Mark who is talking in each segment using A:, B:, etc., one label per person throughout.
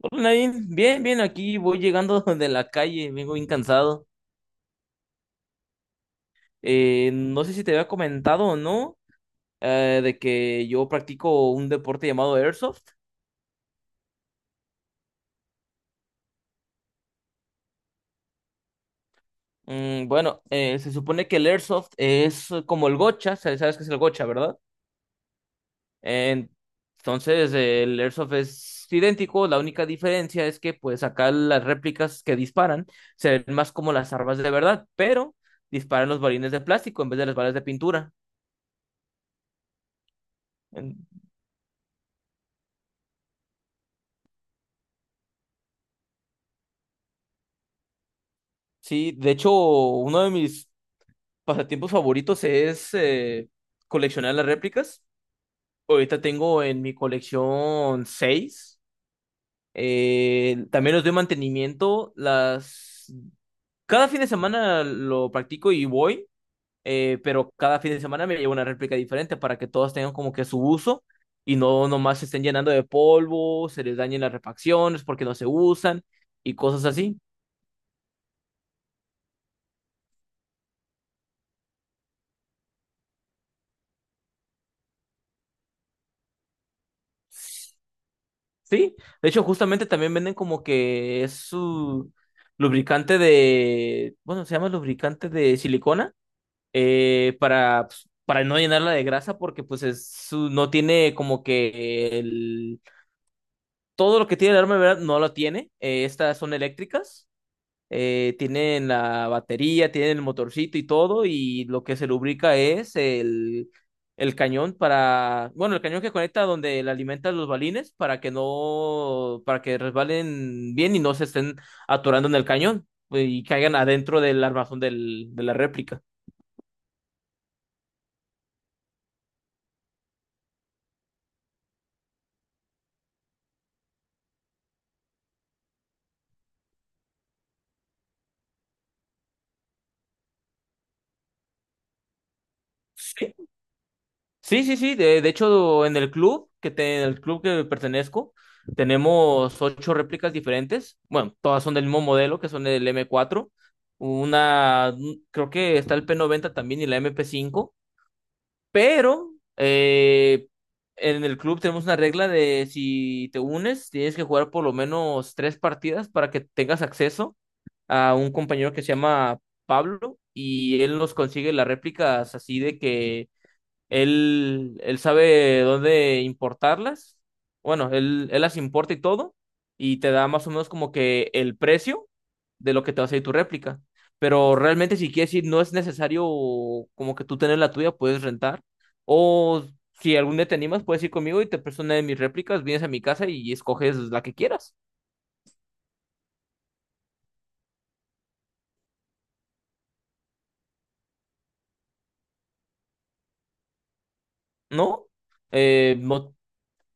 A: Hola, Nadine, bien, bien, aquí voy llegando de la calle, vengo bien cansado. No sé si te había comentado o no, de que yo practico un deporte llamado Airsoft. Bueno, se supone que el Airsoft es como el gocha, sabes qué es el gocha, ¿verdad? En- entonces, el Airsoft es idéntico, la única diferencia es que pues acá las réplicas que disparan se ven más como las armas de verdad, pero disparan los balines de plástico en vez de las balas de pintura. Sí, de hecho, uno de mis pasatiempos favoritos es coleccionar las réplicas. Ahorita tengo en mi colección seis. También los doy mantenimiento. Cada fin de semana lo practico y voy, pero cada fin de semana me llevo una réplica diferente para que todas tengan como que su uso y no nomás se estén llenando de polvo, se les dañen las refacciones porque no se usan y cosas así. Sí, de hecho, justamente también venden como que es su bueno, se llama lubricante de silicona, pues, para no llenarla de grasa, porque pues es su, no tiene como que todo lo que tiene el arma, ¿verdad? No lo tiene, estas son eléctricas, tienen la batería, tienen el motorcito y todo, y lo que se lubrica es el cañón bueno, el cañón que conecta donde le alimentan los balines para que no, para que resbalen bien y no se estén atorando en el cañón y caigan adentro del armazón de la réplica. Sí, sí, sí. De hecho, en el club en el club que pertenezco, tenemos ocho réplicas diferentes. Bueno, todas son del mismo modelo, que son el M4. Una, creo que está el P90 también y la MP5. Pero en el club tenemos una regla de si te unes, tienes que jugar por lo menos tres partidas para que tengas acceso a un compañero que se llama Pablo y él nos consigue las réplicas así de que él sabe dónde importarlas. Bueno, él las importa y todo. Y te da más o menos como que el precio de lo que te va a salir tu réplica. Pero realmente, si quieres ir, no es necesario como que tú tener la tuya, puedes rentar. O si algún día te animas, puedes ir conmigo y te presto una de mis réplicas, vienes a mi casa y escoges la que quieras, ¿no? No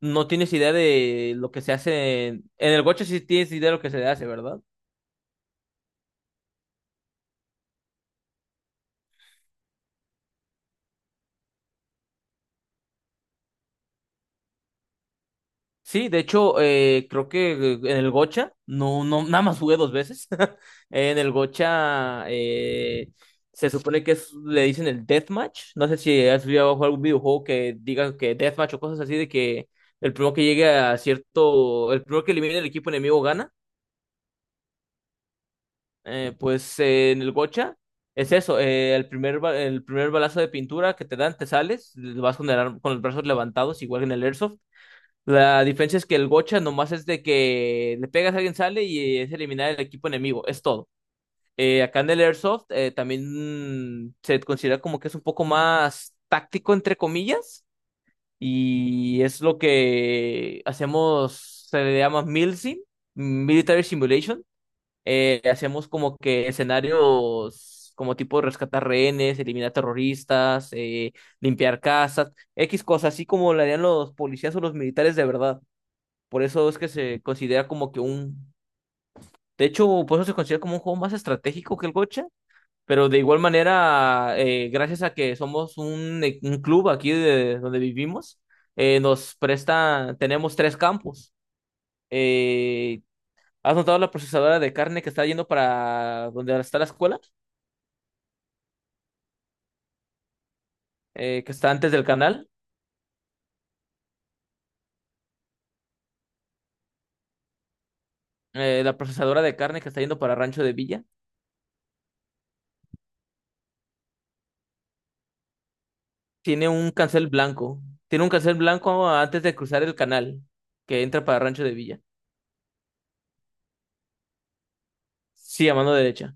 A: no tienes idea de lo que se hace en el Gocha, sí tienes idea de lo que se hace, ¿verdad? Sí, de hecho, creo que en el Gocha, no, no, nada más jugué dos veces. En el Gocha se supone que le dicen el deathmatch. No sé si has jugado algún videojuego que diga que deathmatch o cosas así de que el primero que llegue a cierto, el primero que elimine el equipo enemigo gana. Pues en el Gocha es eso, el primer balazo de pintura que te dan, te sales, vas con los brazos levantados, igual que en el Airsoft la diferencia es que el gocha nomás es de que le pegas a alguien, sale y es eliminar el equipo enemigo, es todo. Acá en el Airsoft también se considera como que es un poco más táctico, entre comillas, y es lo que hacemos, se le llama MILSIM, Military Simulation. Hacemos como que escenarios como tipo rescatar rehenes, eliminar terroristas, limpiar casas, X cosas, así como lo harían los policías o los militares de verdad. Por eso es que se considera como que un... De hecho, por eso se considera como un juego más estratégico que el gocha. Pero de igual manera, gracias a que somos un club aquí de donde vivimos, nos presta, tenemos tres campos. Eh, ¿Has notado la procesadora de carne que está yendo para donde está la escuela? Que está antes del canal. La procesadora de carne que está yendo para Rancho de Villa. Tiene un cancel blanco. Tiene un cancel blanco antes de cruzar el canal que entra para Rancho de Villa. Sí, a mano derecha.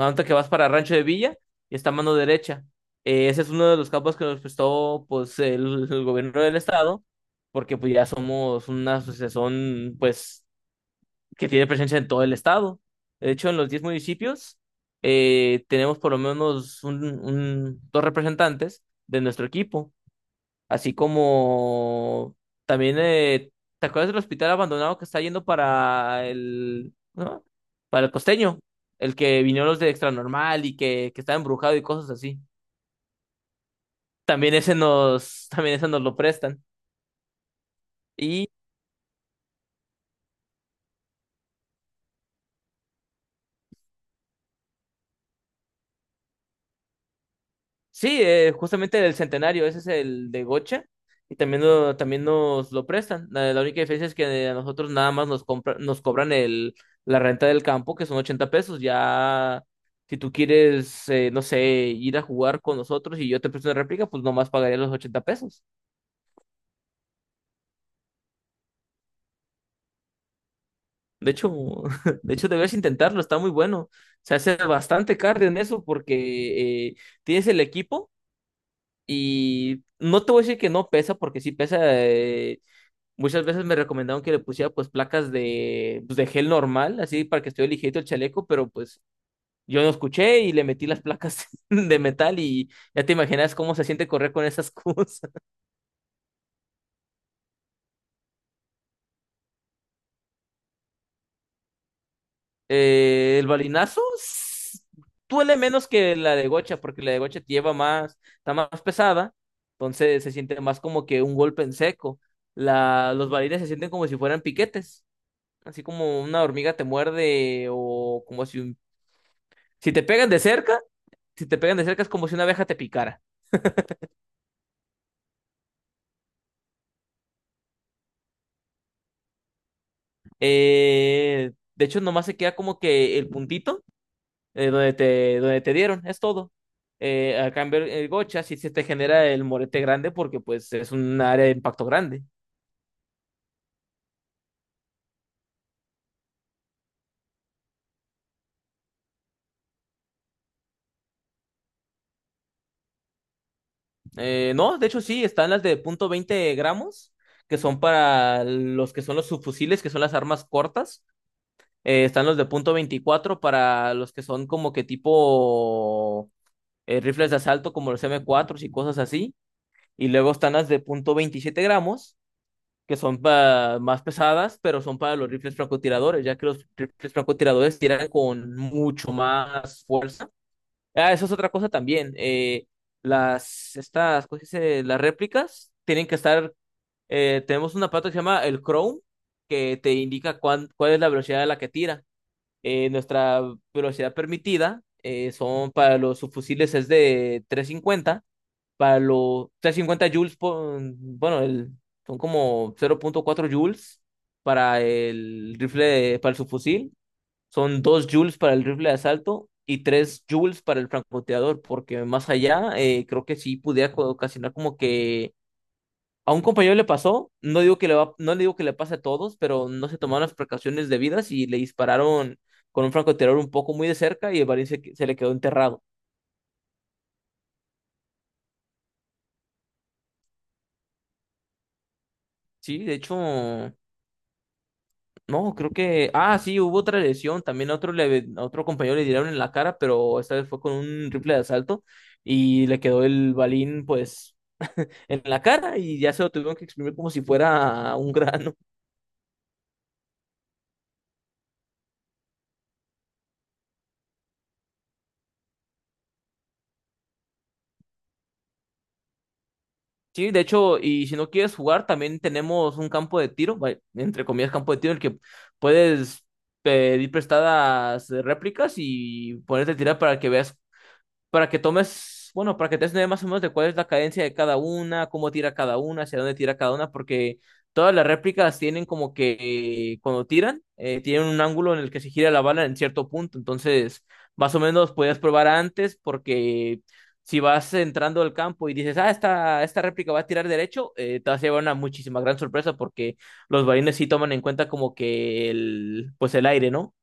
A: Antes que vas para Rancho de Villa, y está a mano derecha. Ese es uno de los campos que nos prestó pues el gobierno del estado, porque pues ya somos una asociación pues que tiene presencia en todo el estado. De hecho, en los 10 municipios tenemos por lo menos dos representantes de nuestro equipo. Así como también, ¿te acuerdas del hospital abandonado que está yendo para el, ¿no? Para el costeño, el que vinieron los de Extra Normal y que está embrujado y cosas así. También ese nos, también ese nos lo prestan. Sí, justamente el centenario, ese es el de Gocha, y también, también nos lo prestan. La única diferencia es que a nosotros nada más nos cobran la renta del campo, que son 80 pesos. Ya, si tú quieres, no sé, ir a jugar con nosotros y yo te presto una réplica, pues nomás pagaría los 80 pesos. De hecho, de hecho, debes intentarlo, está muy bueno. Se hace bastante cardio en eso porque tienes el equipo y no te voy a decir que no pesa, porque sí pesa. Muchas veces me recomendaron que le pusiera pues placas de, pues, de gel normal, así para que estuviera ligerito el chaleco, pero pues yo no escuché y le metí las placas de metal y ya te imaginas cómo se siente correr con esas cosas. El balinazo duele menos que la de gocha, porque la de gocha te lleva más, está más pesada, entonces se siente más como que un golpe en seco. Los balines se sienten como si fueran piquetes, así como una hormiga te muerde o como si, un- si te pegan de cerca. Si te pegan de cerca es como si una abeja te picara. De hecho, nomás se queda como que el puntito donde te dieron, es todo. A cambio, el gocha sí se te genera el morete grande porque pues es un área de impacto grande. No, de hecho sí, están las de 0,20 gramos, que son para los que son los subfusiles, que son las armas cortas. Están los de 0,24 para los que son como que tipo rifles de asalto como los m cuatro y cosas así. Y luego están las de 0,27 gramos, que son más pesadas, pero son para los rifles francotiradores, ya que los rifles francotiradores tiran con mucho más fuerza. Ah, eso es otra cosa también. ¿Cómo se dice? Las réplicas tienen que estar, tenemos un aparato que se llama el Chrome, que te indica cuál es la velocidad a la que tira. Nuestra velocidad permitida son para los subfusiles es de 350 para los 350 joules, bueno, son como 0,4 joules para el rifle, para el subfusil, son 2 joules para el rifle de asalto y 3 joules para el francotirador, porque más allá creo que sí pudiera ocasionar como que a un compañero le pasó, no digo que le va, no le digo que le pase a todos, pero no se tomaron las precauciones debidas y le dispararon con un francotirador un poco muy de cerca y el balín se le quedó enterrado. Sí, de hecho. No, creo que. Ah, sí, hubo otra lesión. También otro compañero le dieron en la cara, pero esta vez fue con un rifle de asalto y le quedó el balín, pues, en la cara y ya se lo tuvieron que exprimir como si fuera un grano. Sí, de hecho, y si no quieres jugar, también tenemos un campo de tiro, entre comillas, campo de tiro, en el que puedes pedir prestadas réplicas y ponerte a tirar para que tomes, bueno, para que te des una idea más o menos de cuál es la cadencia de cada una, cómo tira cada una, hacia dónde tira cada una, porque todas las réplicas tienen como que cuando tiran, tienen un ángulo en el que se gira la bala en cierto punto, entonces más o menos podías probar antes porque... Si vas entrando al campo y dices, ah, esta réplica va a tirar derecho, te vas a llevar una muchísima gran sorpresa porque los balines sí toman en cuenta como que pues el aire, ¿no?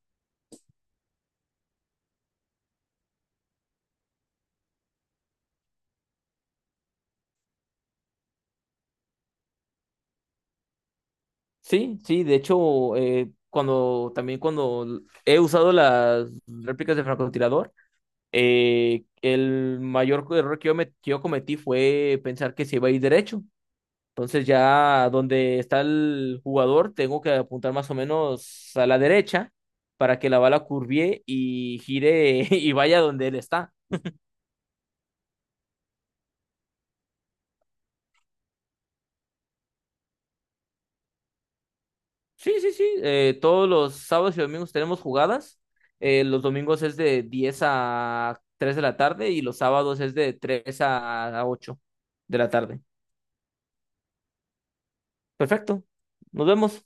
A: Sí, sí, de hecho, cuando he usado las réplicas de francotirador, el mayor error que que yo cometí fue pensar que se iba a ir derecho. Entonces ya donde está el jugador, tengo que apuntar más o menos a la derecha para que la bala curvie y gire y vaya donde él está. Sí, sí, sí. Todos los sábados y domingos tenemos jugadas. Los domingos es de 10 a 3 de la tarde y los sábados es de 3 a 8 de la tarde. Perfecto. Nos vemos.